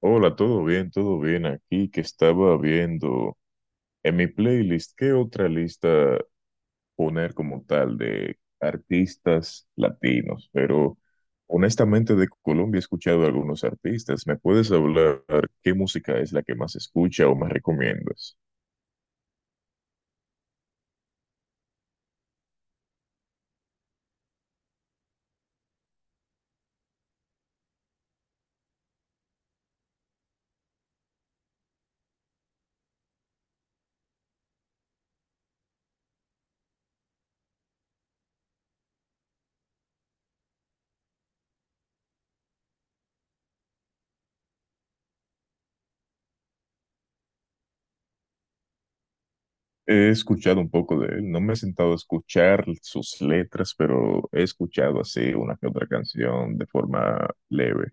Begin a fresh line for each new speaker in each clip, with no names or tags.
Hola, todo bien aquí que estaba viendo en mi playlist, ¿qué otra lista poner como tal de artistas latinos? Pero honestamente de Colombia he escuchado a algunos artistas. ¿Me puedes hablar qué música es la que más escucha o más recomiendas? He escuchado un poco de él, no me he sentado a escuchar sus letras, pero he escuchado así una que otra canción de forma leve.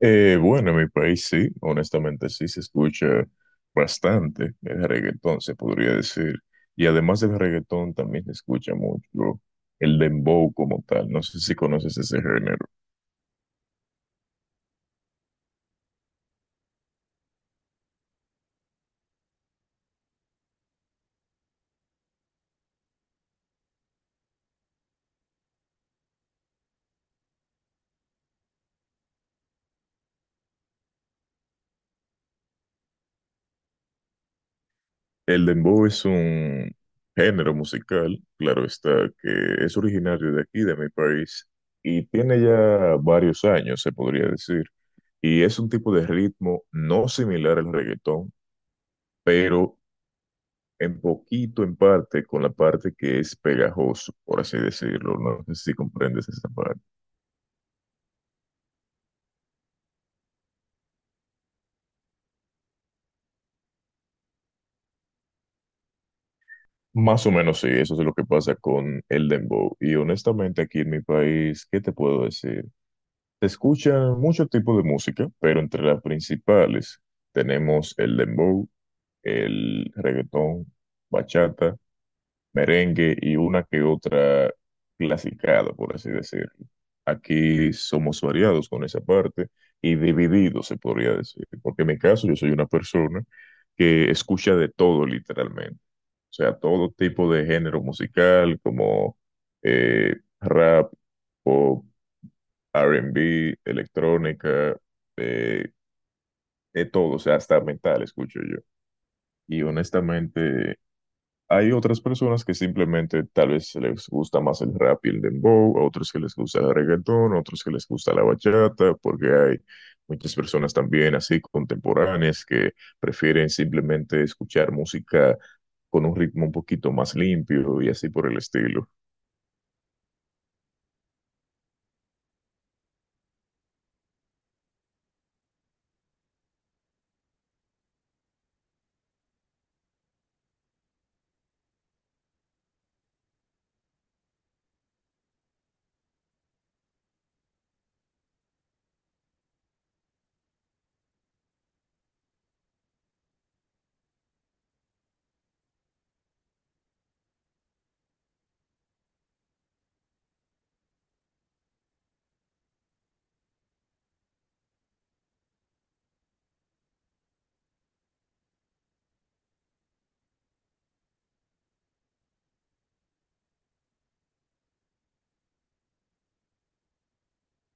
Bueno, en mi país sí, honestamente sí se escucha bastante el reggaetón, se podría decir. Y además del reggaetón también se escucha mucho el dembow como tal. No sé si conoces ese género. El dembow es un género musical, claro está, que es originario de aquí, de mi país, y tiene ya varios años, se podría decir. Y es un tipo de ritmo no similar al reggaetón, pero en poquito, en parte, con la parte que es pegajoso, por así decirlo. No sé si comprendes esa parte. Más o menos sí, eso es lo que pasa con el dembow. Y honestamente aquí en mi país, ¿qué te puedo decir? Se escucha mucho tipo de música, pero entre las principales tenemos el dembow, el reggaetón, bachata, merengue y una que otra clasicada, por así decirlo. Aquí somos variados con esa parte y divididos, se podría decir, porque en mi caso yo soy una persona que escucha de todo literalmente, o sea, todo tipo de género musical como rap, pop, R&B, electrónica, eh, de todo, o sea, hasta metal escucho yo. Y honestamente, hay otras personas que simplemente tal vez les gusta más el rap y el dembow, a otros que les gusta el reggaetón, a otros que les gusta la bachata, porque hay muchas personas también así contemporáneas que prefieren simplemente escuchar música con un ritmo un poquito más limpio y así por el estilo.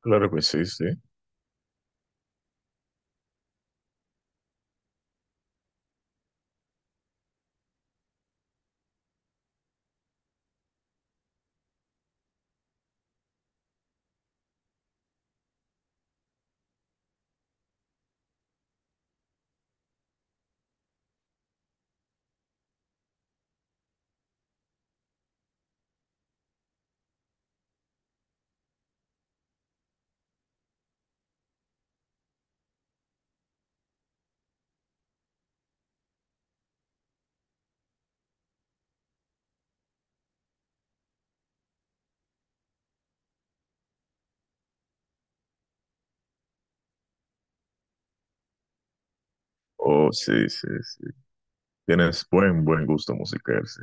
Claro que sí, sí. Oh, sí, sí, sí. Tienes buen gusto musical, sí.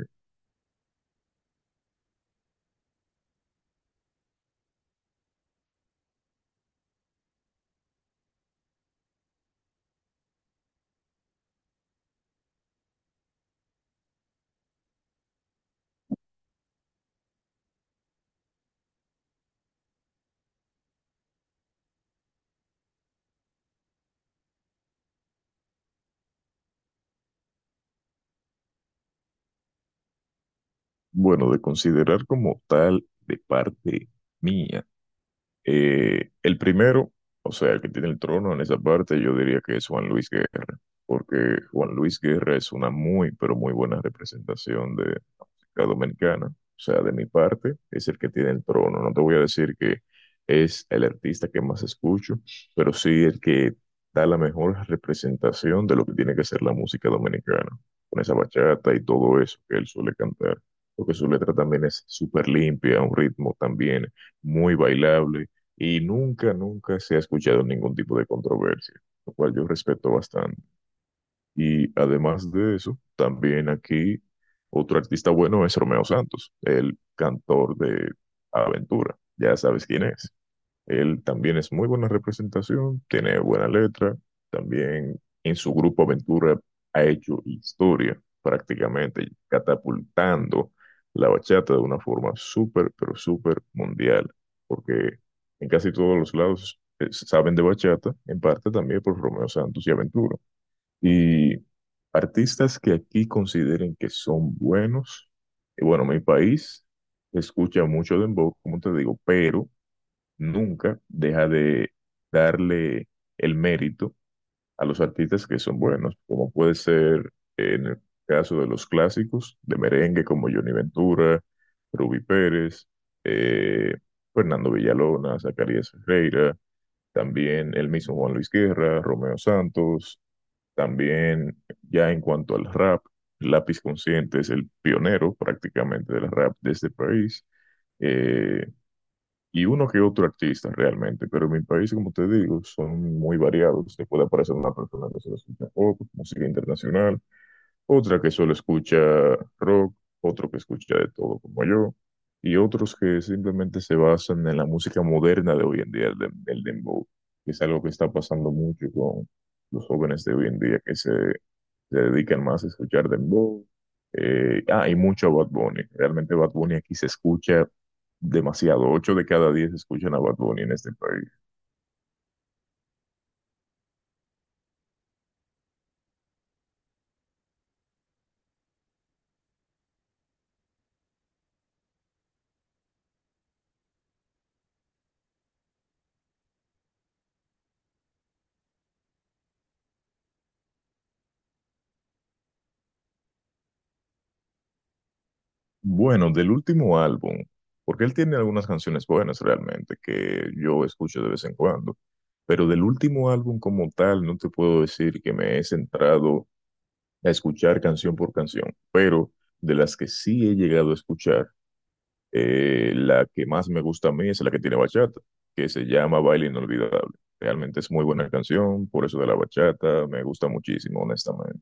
Bueno, de considerar como tal de parte mía. El primero, o sea, el que tiene el trono en esa parte, yo diría que es Juan Luis Guerra, porque Juan Luis Guerra es una muy, pero muy buena representación de la música dominicana. O sea, de mi parte, es el que tiene el trono. No te voy a decir que es el artista que más escucho, pero sí el que da la mejor representación de lo que tiene que ser la música dominicana, con esa bachata y todo eso que él suele cantar, porque su letra también es súper limpia, un ritmo también muy bailable y nunca, nunca se ha escuchado ningún tipo de controversia, lo cual yo respeto bastante. Y además de eso, también aquí otro artista bueno es Romeo Santos, el cantor de Aventura. Ya sabes quién es. Él también es muy buena representación, tiene buena letra, también en su grupo Aventura ha hecho historia prácticamente, catapultando la bachata de una forma súper, pero súper mundial, porque en casi todos los lados saben de bachata, en parte también por Romeo Santos y Aventura. Y artistas que aquí consideren que son buenos, y bueno, mi país escucha mucho dembow, como te digo, pero nunca deja de darle el mérito a los artistas que son buenos, como puede ser en el caso de los clásicos de merengue como Johnny Ventura, Ruby Pérez, eh, Fernando Villalona, Zacarías Ferreira, también el mismo Juan Luis Guerra, Romeo Santos, también ya en cuanto al rap, Lápiz Consciente es el pionero prácticamente del rap de este país. Eh, y uno que otro artista realmente, pero en mi país, como te digo, son muy variados. Te puede aparecer una persona que se escucha pop, música internacional, otra que solo escucha rock, otro que escucha de todo como yo, y otros que simplemente se basan en la música moderna de hoy en día, el, el dembow, que es algo que está pasando mucho con los jóvenes de hoy en día que se dedican más a escuchar dembow. Y mucho a Bad Bunny. Realmente Bad Bunny aquí se escucha demasiado. 8 de cada 10 escuchan a Bad Bunny en este país. Bueno, del último álbum, porque él tiene algunas canciones buenas realmente que yo escucho de vez en cuando, pero del último álbum como tal no te puedo decir que me he centrado a escuchar canción por canción, pero de las que sí he llegado a escuchar, la que más me gusta a mí es la que tiene bachata, que se llama Baile Inolvidable. Realmente es muy buena canción, por eso de la bachata me gusta muchísimo, honestamente.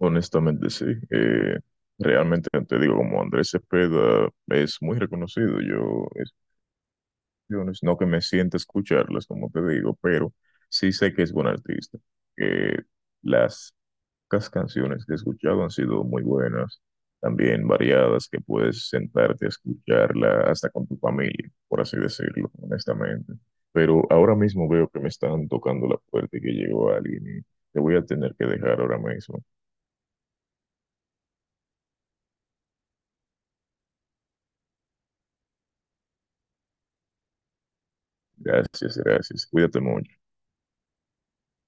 Honestamente, sí. Eh, Realmente, te digo, como Andrés Cepeda es muy reconocido, yo no es- no que me sienta escucharlas, como te digo, pero sí sé que es buen artista, que las pocas canciones que he escuchado han sido muy buenas, también variadas, que puedes sentarte a escucharla hasta con tu familia, por así decirlo, honestamente. Pero ahora mismo veo que me están tocando la puerta y que llegó alguien y te voy a tener que dejar ahora mismo. Gracias, gracias. Cuídate mucho.